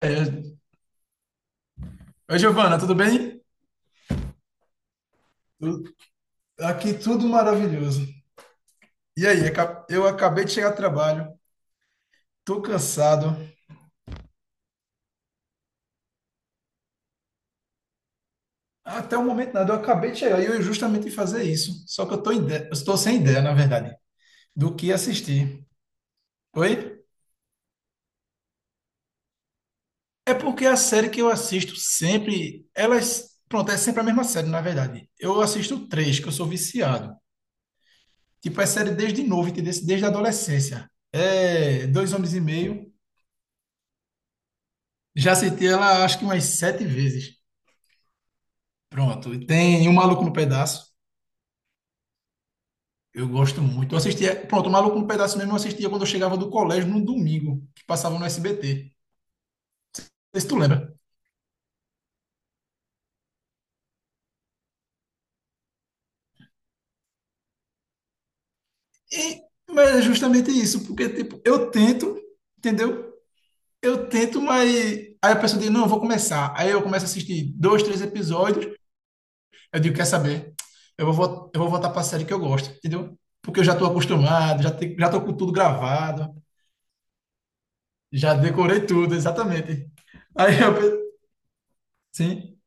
É... Oi, Giovana, tudo bem? Tu- Aqui tudo maravilhoso. E aí, eu acabei de chegar do trabalho, tô cansado. Até o momento nada, eu acabei de chegar e eu ia justamente fazer isso. Só que eu tô sem ideia, na verdade, do que assistir. Oi? É porque a série que eu assisto sempre, elas, pronto, é sempre a mesma série, na verdade. Eu assisto três, que eu sou viciado. Tipo, é série desde novo, entendeu? Desde a adolescência. É Dois Homens e Meio. Já assisti ela acho que umas sete vezes. Pronto, e tem O Maluco no Pedaço. Eu gosto muito. Eu assistia, pronto, O Maluco no Pedaço mesmo eu assistia quando eu chegava do colégio no domingo, que passava no SBT. Não sei se tu lembra. E- mas é justamente isso, porque tipo, eu tento, entendeu? Eu tento, mas aí a pessoa diz, não, eu vou começar. Aí eu começo a assistir dois, três episódios, eu digo, quer saber? Eu vou voltar para a série que eu gosto, entendeu? Porque eu já estou acostumado, já, te, já tô com tudo gravado, já decorei tudo, exatamente. Aí eu, sim.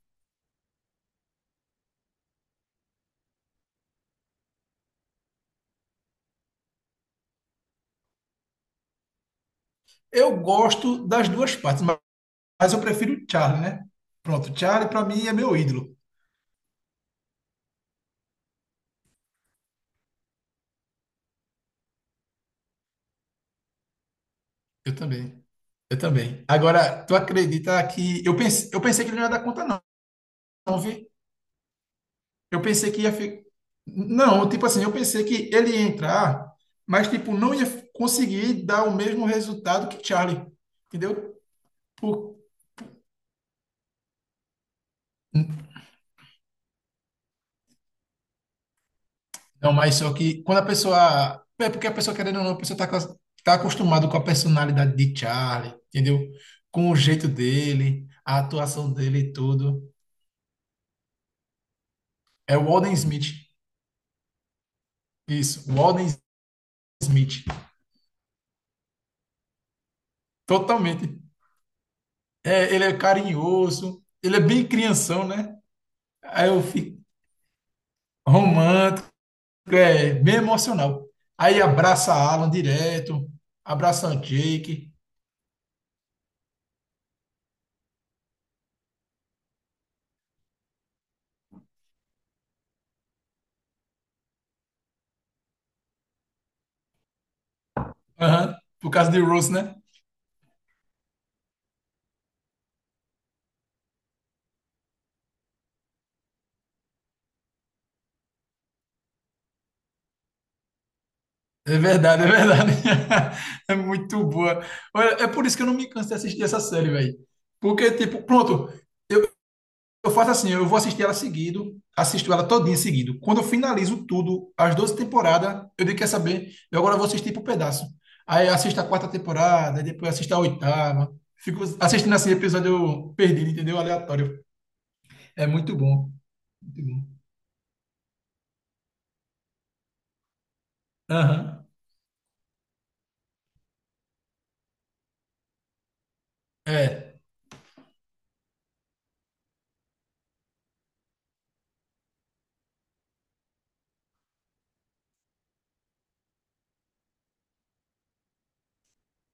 Eu gosto das duas partes, mas eu prefiro o Charlie, né? Pronto, o Charlie para mim é meu ídolo. Eu também. Eu também. Agora, tu acredita que eu pensei que ele não ia dar conta não, não, vi? Eu pensei que ia ficar. Não, tipo assim, eu pensei que ele ia entrar, mas tipo não ia conseguir dar o mesmo resultado que Charlie. Entendeu? Por... Não, mas só que quando a pessoa. É porque a pessoa, querendo ou não, a pessoa tá, tá acostumada com a personalidade de Charlie, entendeu? Com o jeito dele, a atuação dele e tudo. É o Alden Smith. Isso, o Alden Smith. Totalmente. É, ele é carinhoso, ele é bem crianção, né? Aí eu fico romântico, é bem emocional. Aí abraça a Alan direto, abraça a Jake, aham, por causa de Rose, né? É verdade, é verdade. É muito boa. Olha, é por isso que eu não me canso de assistir essa série, velho. Porque, tipo, pronto, eu faço assim, eu vou assistir ela seguido, assisto ela todinha seguido. Quando eu finalizo tudo, as 12 temporadas, eu digo, quer saber, eu agora vou assistir por pedaço. Aí eu assisto a quarta temporada, aí depois assisto a oitava. Fico assistindo assim, episódio perdido, entendeu? Aleatório. É muito bom. Muito bom. Aham. É.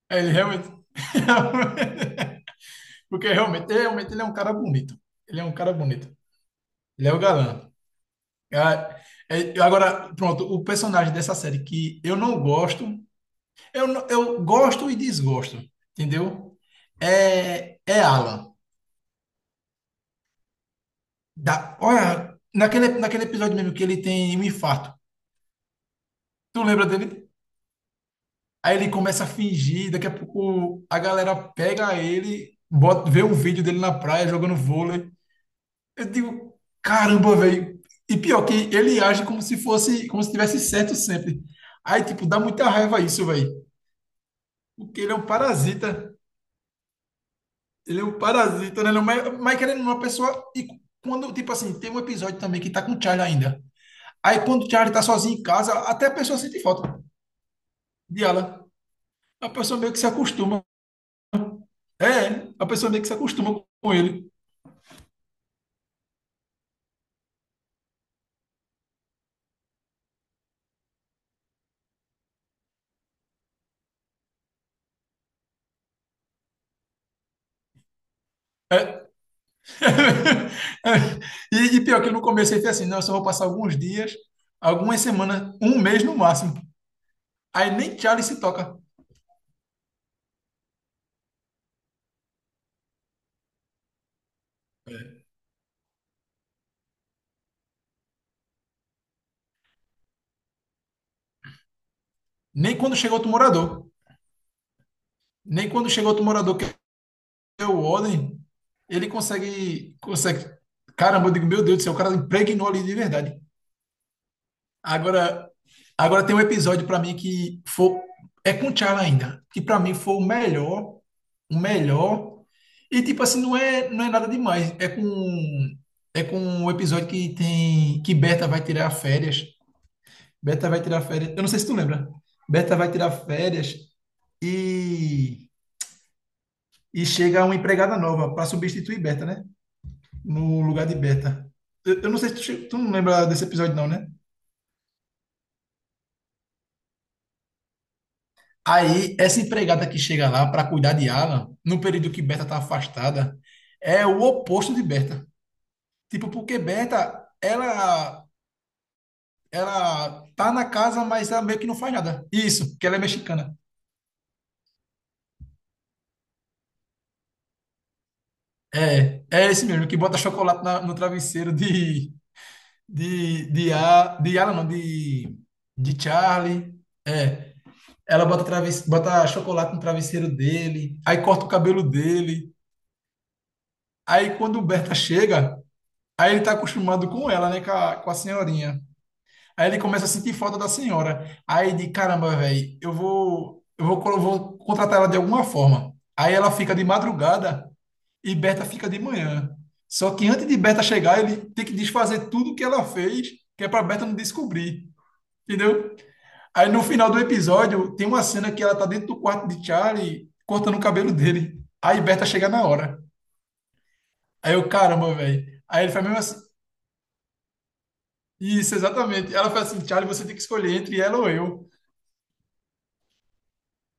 É, ele realmente. Porque realmente, realmente ele é um cara bonito. Ele é um cara bonito. Ele é o galã. Ah, é, agora, pronto, o personagem dessa série que eu não gosto, eu, eu gosto e desgosto, entendeu? É, é Alan. Da, olha, naquele episódio mesmo que ele tem um infarto. Tu lembra dele? Aí ele começa a fingir, daqui a pouco a galera pega ele, bota, vê um vídeo dele na praia jogando vôlei. Eu digo, caramba, velho. E pior que ele age como se fosse, como se tivesse certo sempre. Aí, tipo, dá muita raiva isso, velho. Porque ele é um parasita. Ele é um parasita, né? Não, mas querendo uma pessoa. E quando, tipo assim, tem um episódio também que tá com o Charlie ainda. Aí, quando o Charlie tá sozinho em casa, até a pessoa sente falta de ela. A pessoa meio que se acostuma. É, a pessoa meio que se acostuma com ele. É, e pior que no começo ele fez assim, não, eu só vou passar alguns dias, algumas semanas, um mês no máximo. Aí nem Charlie se toca. Nem quando chega outro morador. Nem quando chega outro morador que é o Odin, ele consegue, consegue. Caramba, eu digo, meu Deus do céu, o cara impregnou ali de verdade. Agora, agora tem um episódio para mim que foi, é com o T'Challa ainda, que para mim foi o melhor, o melhor. E tipo assim, não é nada demais. É com um episódio que tem que Berta vai tirar férias. Berta vai tirar férias. Eu não sei se tu lembra. Berta vai tirar férias e e chega uma empregada nova para substituir Berta, né? No lugar de Berta. Eu não sei se tu, tu não lembra desse episódio não, né? Aí, essa empregada que chega lá para cuidar de Alan, no período que Berta tá afastada, é o oposto de Berta. Tipo, porque Berta, ela tá na casa, mas ela meio que não faz nada. Isso, que ela é mexicana. É, é esse mesmo, que bota chocolate no travesseiro de, de Alan, não, de Charlie. Ela bota, traves, bota chocolate no travesseiro dele, aí corta o cabelo dele. Aí, quando Berta chega. Aí ele tá acostumado com ela, né? Com a senhorinha. Aí ele começa a sentir falta da senhora. Aí de caramba, velho, eu vou, vou contratar ela de alguma forma. Aí ela fica de madrugada e Berta fica de manhã. Só que antes de Berta chegar, ele tem que desfazer tudo que ela fez, que é pra Berta não descobrir. Entendeu? Aí no final do episódio, tem uma cena que ela tá dentro do quarto de Charlie, cortando o cabelo dele. Aí Berta chega na hora. Aí eu, caramba, velho. Aí ele faz mesmo assim, isso, exatamente. Ela fala assim, Charlie, você tem que escolher entre ela ou eu.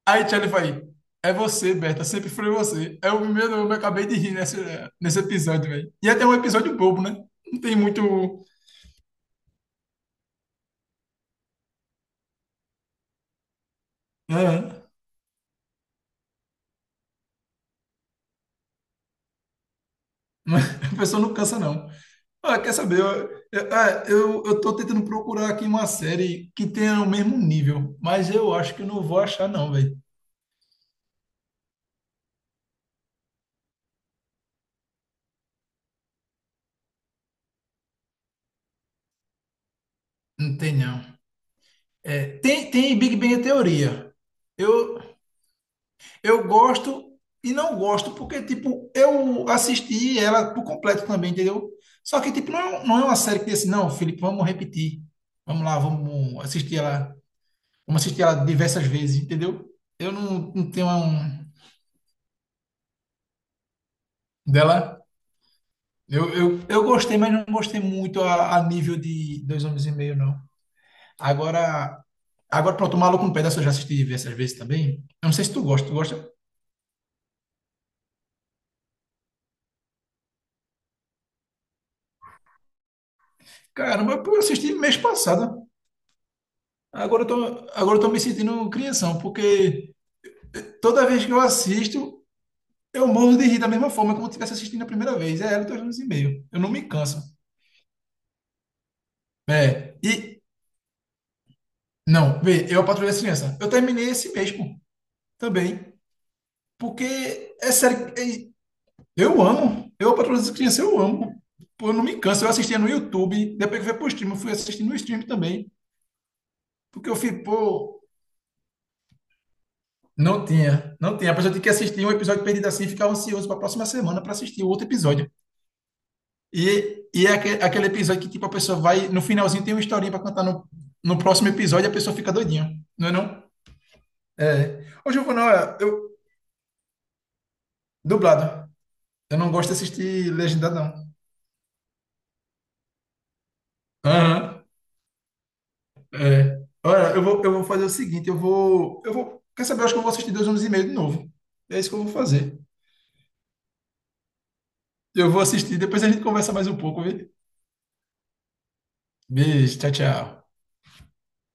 Aí Charlie vai, é você, Berta, sempre foi você. É o primeiro, eu me acabei de rir nesse, nesse episódio, velho. E até é um episódio bobo, né? Não tem muito. É, mas a pessoa não cansa, não. Ah, quer saber? Eu tô tentando procurar aqui uma série que tenha o mesmo nível, mas eu acho que eu não vou achar, não, velho. Não tem, não. É, tem, tem Big Bang Theoria. Eu, Eu gosto e não gosto, porque, tipo, eu assisti ela por completo também, entendeu? Só que, tipo, não é, um, não é uma série que diz assim, não, Felipe, vamos repetir. Vamos lá, vamos assistir ela. Vamos assistir ela diversas vezes, entendeu? Eu não, não tenho um dela. Eu gostei, mas não gostei muito a nível de Dois Homens e Meio, não. Agora, agora pronto, o Maluco no Pedaço eu já assisti diversas vezes também. Eu não sei se tu gosta, tu gosta? Caramba, eu assisti mês passado. Agora eu tô, agora eu tô me sentindo crianção, porque toda vez que eu assisto, eu morro de rir da mesma forma, como se estivesse assistindo a primeira vez. É ela, dois anos e meio. Eu não me canso. É, e. Não, vê, eu a Patrulha Crianças. Eu terminei esse mês, pô, também. Porque é sério. Eu amo. Eu a Patrulha Crianças, eu amo. Pô, eu não me canso. Eu assistia no YouTube, depois que foi pro stream, eu fui assistindo no stream também. Porque eu fui, pô. Não tinha, não tinha. A pessoa tinha que assistir um episódio perdido assim e ficava ansioso para a próxima semana para assistir o outro episódio. E é aquele episódio que, tipo, a pessoa vai. No finalzinho tem uma historinha pra contar no, no próximo episódio e a pessoa fica doidinha. Não é não? É. Ô, Giovanna, olha, eu. Dublado. Eu não gosto de assistir legendado, não. Aham. É. Olha, eu vou fazer o seguinte, eu vou. Eu vou. Quer saber? Eu acho que eu vou assistir dois anos e meio de novo. É isso que eu vou fazer. Eu vou assistir, depois a gente conversa mais um pouco, viu? Beijo, tchau, tchau.